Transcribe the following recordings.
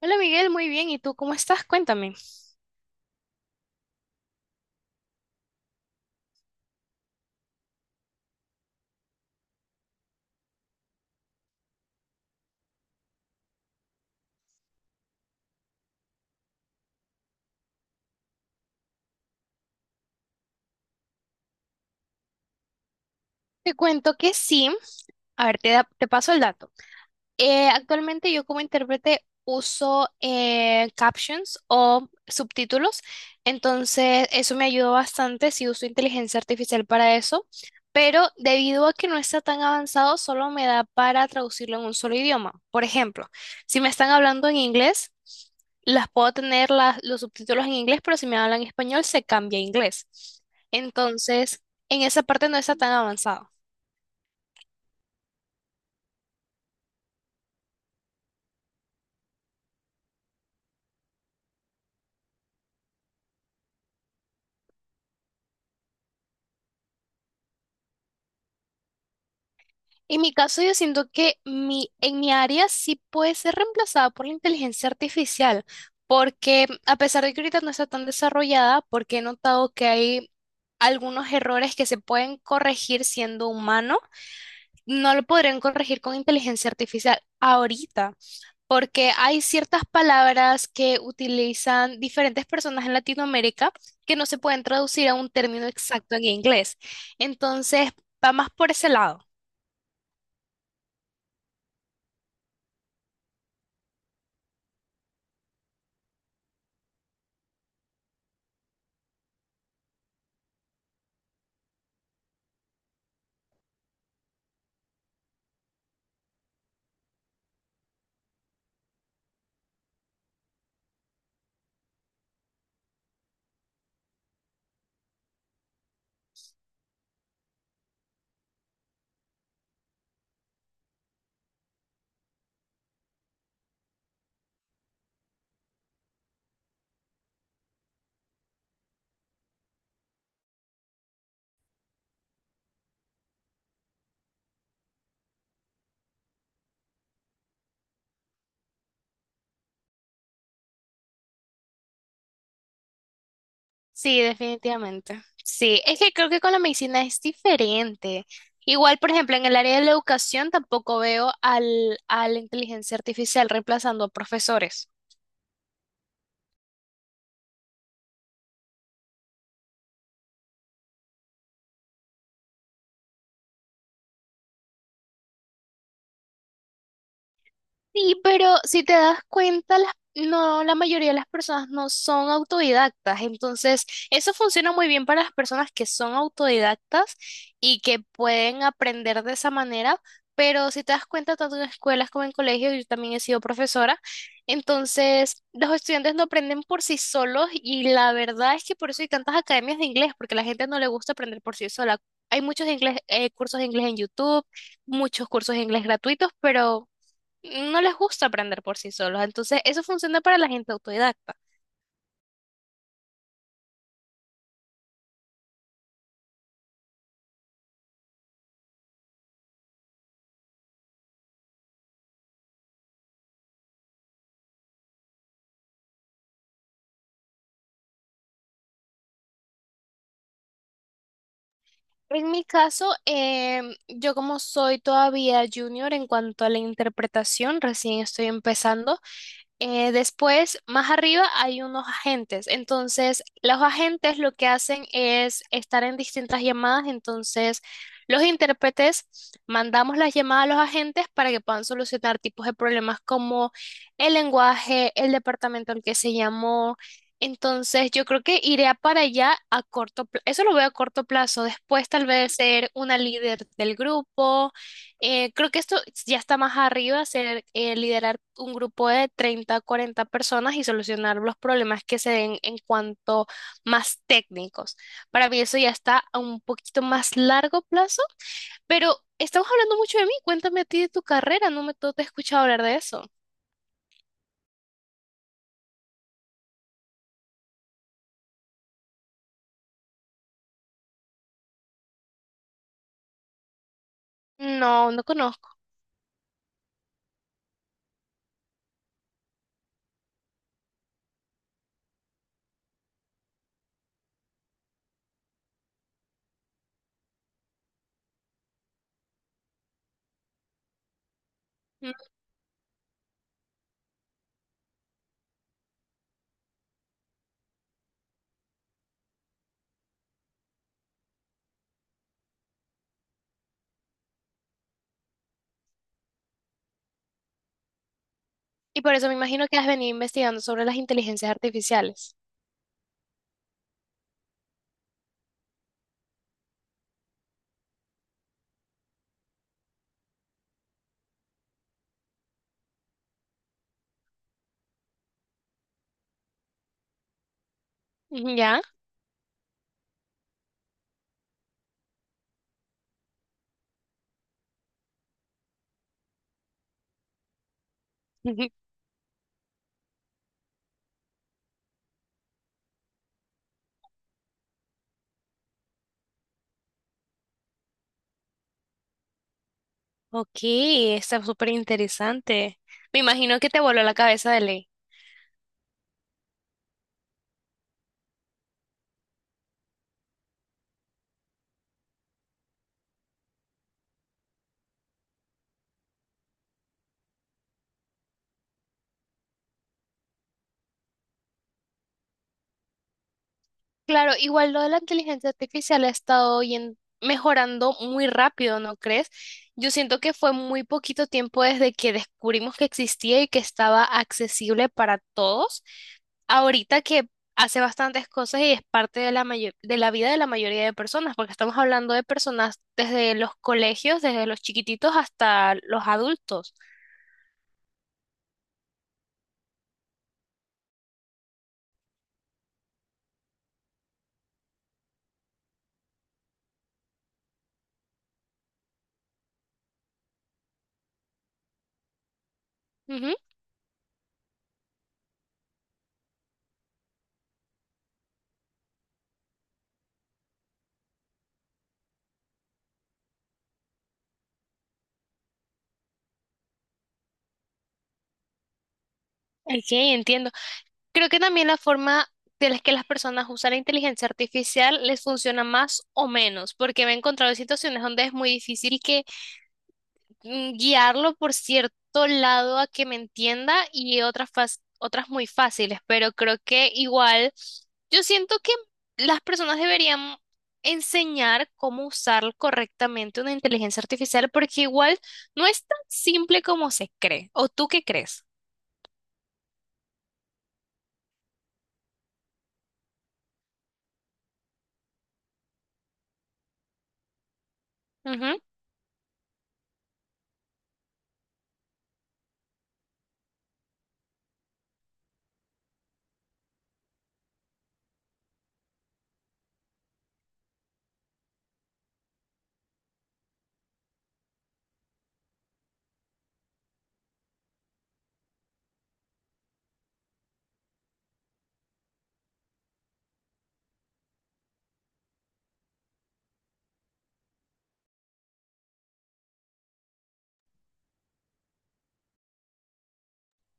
Hola Miguel, muy bien. ¿Y tú cómo estás? Cuéntame. Te cuento que sí. A ver, te paso el dato. Actualmente yo como intérprete uso captions o subtítulos, entonces eso me ayudó bastante si uso inteligencia artificial para eso, pero debido a que no está tan avanzado, solo me da para traducirlo en un solo idioma. Por ejemplo, si me están hablando en inglés, las puedo tener los subtítulos en inglés, pero si me hablan en español, se cambia a inglés. Entonces, en esa parte no está tan avanzado. En mi caso, yo siento que en mi área sí puede ser reemplazada por la inteligencia artificial, porque a pesar de que ahorita no está tan desarrollada, porque he notado que hay algunos errores que se pueden corregir siendo humano, no lo podrían corregir con inteligencia artificial ahorita, porque hay ciertas palabras que utilizan diferentes personas en Latinoamérica que no se pueden traducir a un término exacto en inglés. Entonces, va más por ese lado. Sí, definitivamente. Sí, es que creo que con la medicina es diferente. Igual, por ejemplo, en el área de la educación tampoco veo a la inteligencia artificial reemplazando a profesores. Sí, pero si te das cuenta, no, la mayoría de las personas no son autodidactas. Entonces, eso funciona muy bien para las personas que son autodidactas y que pueden aprender de esa manera. Pero si te das cuenta, tanto en escuelas como en colegios, yo también he sido profesora. Entonces, los estudiantes no aprenden por sí solos y la verdad es que por eso hay tantas academias de inglés, porque a la gente no le gusta aprender por sí sola. Hay muchos cursos de inglés en YouTube, muchos cursos de inglés gratuitos, pero no les gusta aprender por sí solos. Entonces, eso funciona para la gente autodidacta. En mi caso, yo como soy todavía junior en cuanto a la interpretación, recién estoy empezando. Después, más arriba, hay unos agentes. Entonces, los agentes lo que hacen es estar en distintas llamadas. Entonces, los intérpretes mandamos las llamadas a los agentes para que puedan solucionar tipos de problemas como el lenguaje, el departamento al que se llamó. Entonces, yo creo que iré a para allá a corto plazo. Eso lo veo a corto plazo. Después, tal vez ser una líder del grupo. Creo que esto ya está más arriba, ser liderar un grupo de treinta a 40 personas y solucionar los problemas que se den en cuanto más técnicos. Para mí eso ya está a un poquito más largo plazo, pero estamos hablando mucho de mí. Cuéntame a ti de tu carrera. No te he escuchado hablar de eso. No, no conozco. Y por eso me imagino que has venido investigando sobre las inteligencias artificiales. ¿Ya? Ok, está súper interesante. Me imagino que te voló la cabeza de ley. Claro, igual lo de la inteligencia artificial ha estado mejorando muy rápido, ¿no crees? Yo siento que fue muy poquito tiempo desde que descubrimos que existía y que estaba accesible para todos. Ahorita que hace bastantes cosas y es parte de la vida de la mayoría de personas, porque estamos hablando de personas desde los colegios, desde los chiquititos hasta los adultos. Ujú. Ok, entiendo. Creo que también la forma de las que las personas usan la inteligencia artificial les funciona más o menos, porque me he encontrado en situaciones donde es muy difícil que guiarlo por cierto lado a que me entienda y otras, otras muy fáciles, pero creo que igual yo siento que las personas deberían enseñar cómo usar correctamente una inteligencia artificial, porque igual no es tan simple como se cree. ¿O tú qué crees?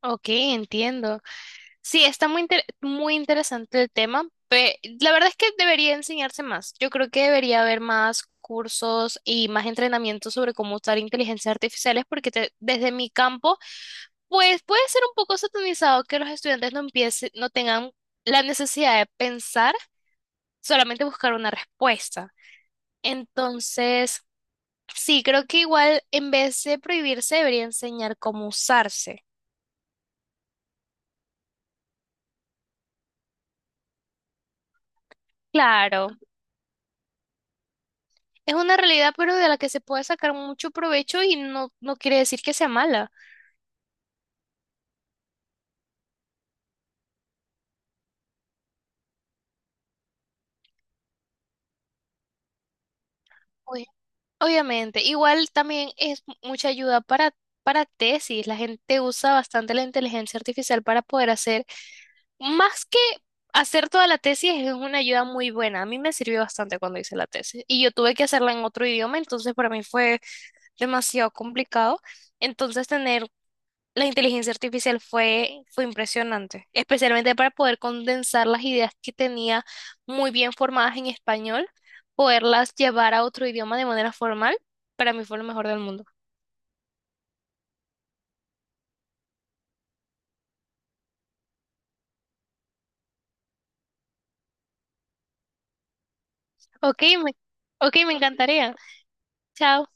Ok, entiendo. Sí, está muy interesante el tema. La verdad es que debería enseñarse más. Yo creo que debería haber más cursos y más entrenamiento sobre cómo usar inteligencias artificiales porque desde mi campo, pues puede ser un poco satanizado que los estudiantes no empiecen, no tengan la necesidad de pensar, solamente buscar una respuesta. Entonces, sí, creo que igual en vez de prohibirse, debería enseñar cómo usarse. Claro. Es una realidad, pero de la que se puede sacar mucho provecho y no, no quiere decir que sea mala. Oye, obviamente, igual también es mucha ayuda para tesis. La gente usa bastante la inteligencia artificial para poder hacer, más que hacer toda la tesis, es una ayuda muy buena. A mí me sirvió bastante cuando hice la tesis y yo tuve que hacerla en otro idioma, entonces para mí fue demasiado complicado. Entonces, tener la inteligencia artificial fue impresionante, especialmente para poder condensar las ideas que tenía muy bien formadas en español, poderlas llevar a otro idioma de manera formal, para mí fue lo mejor del mundo. Ok, me, ok, me encantaría. Chao.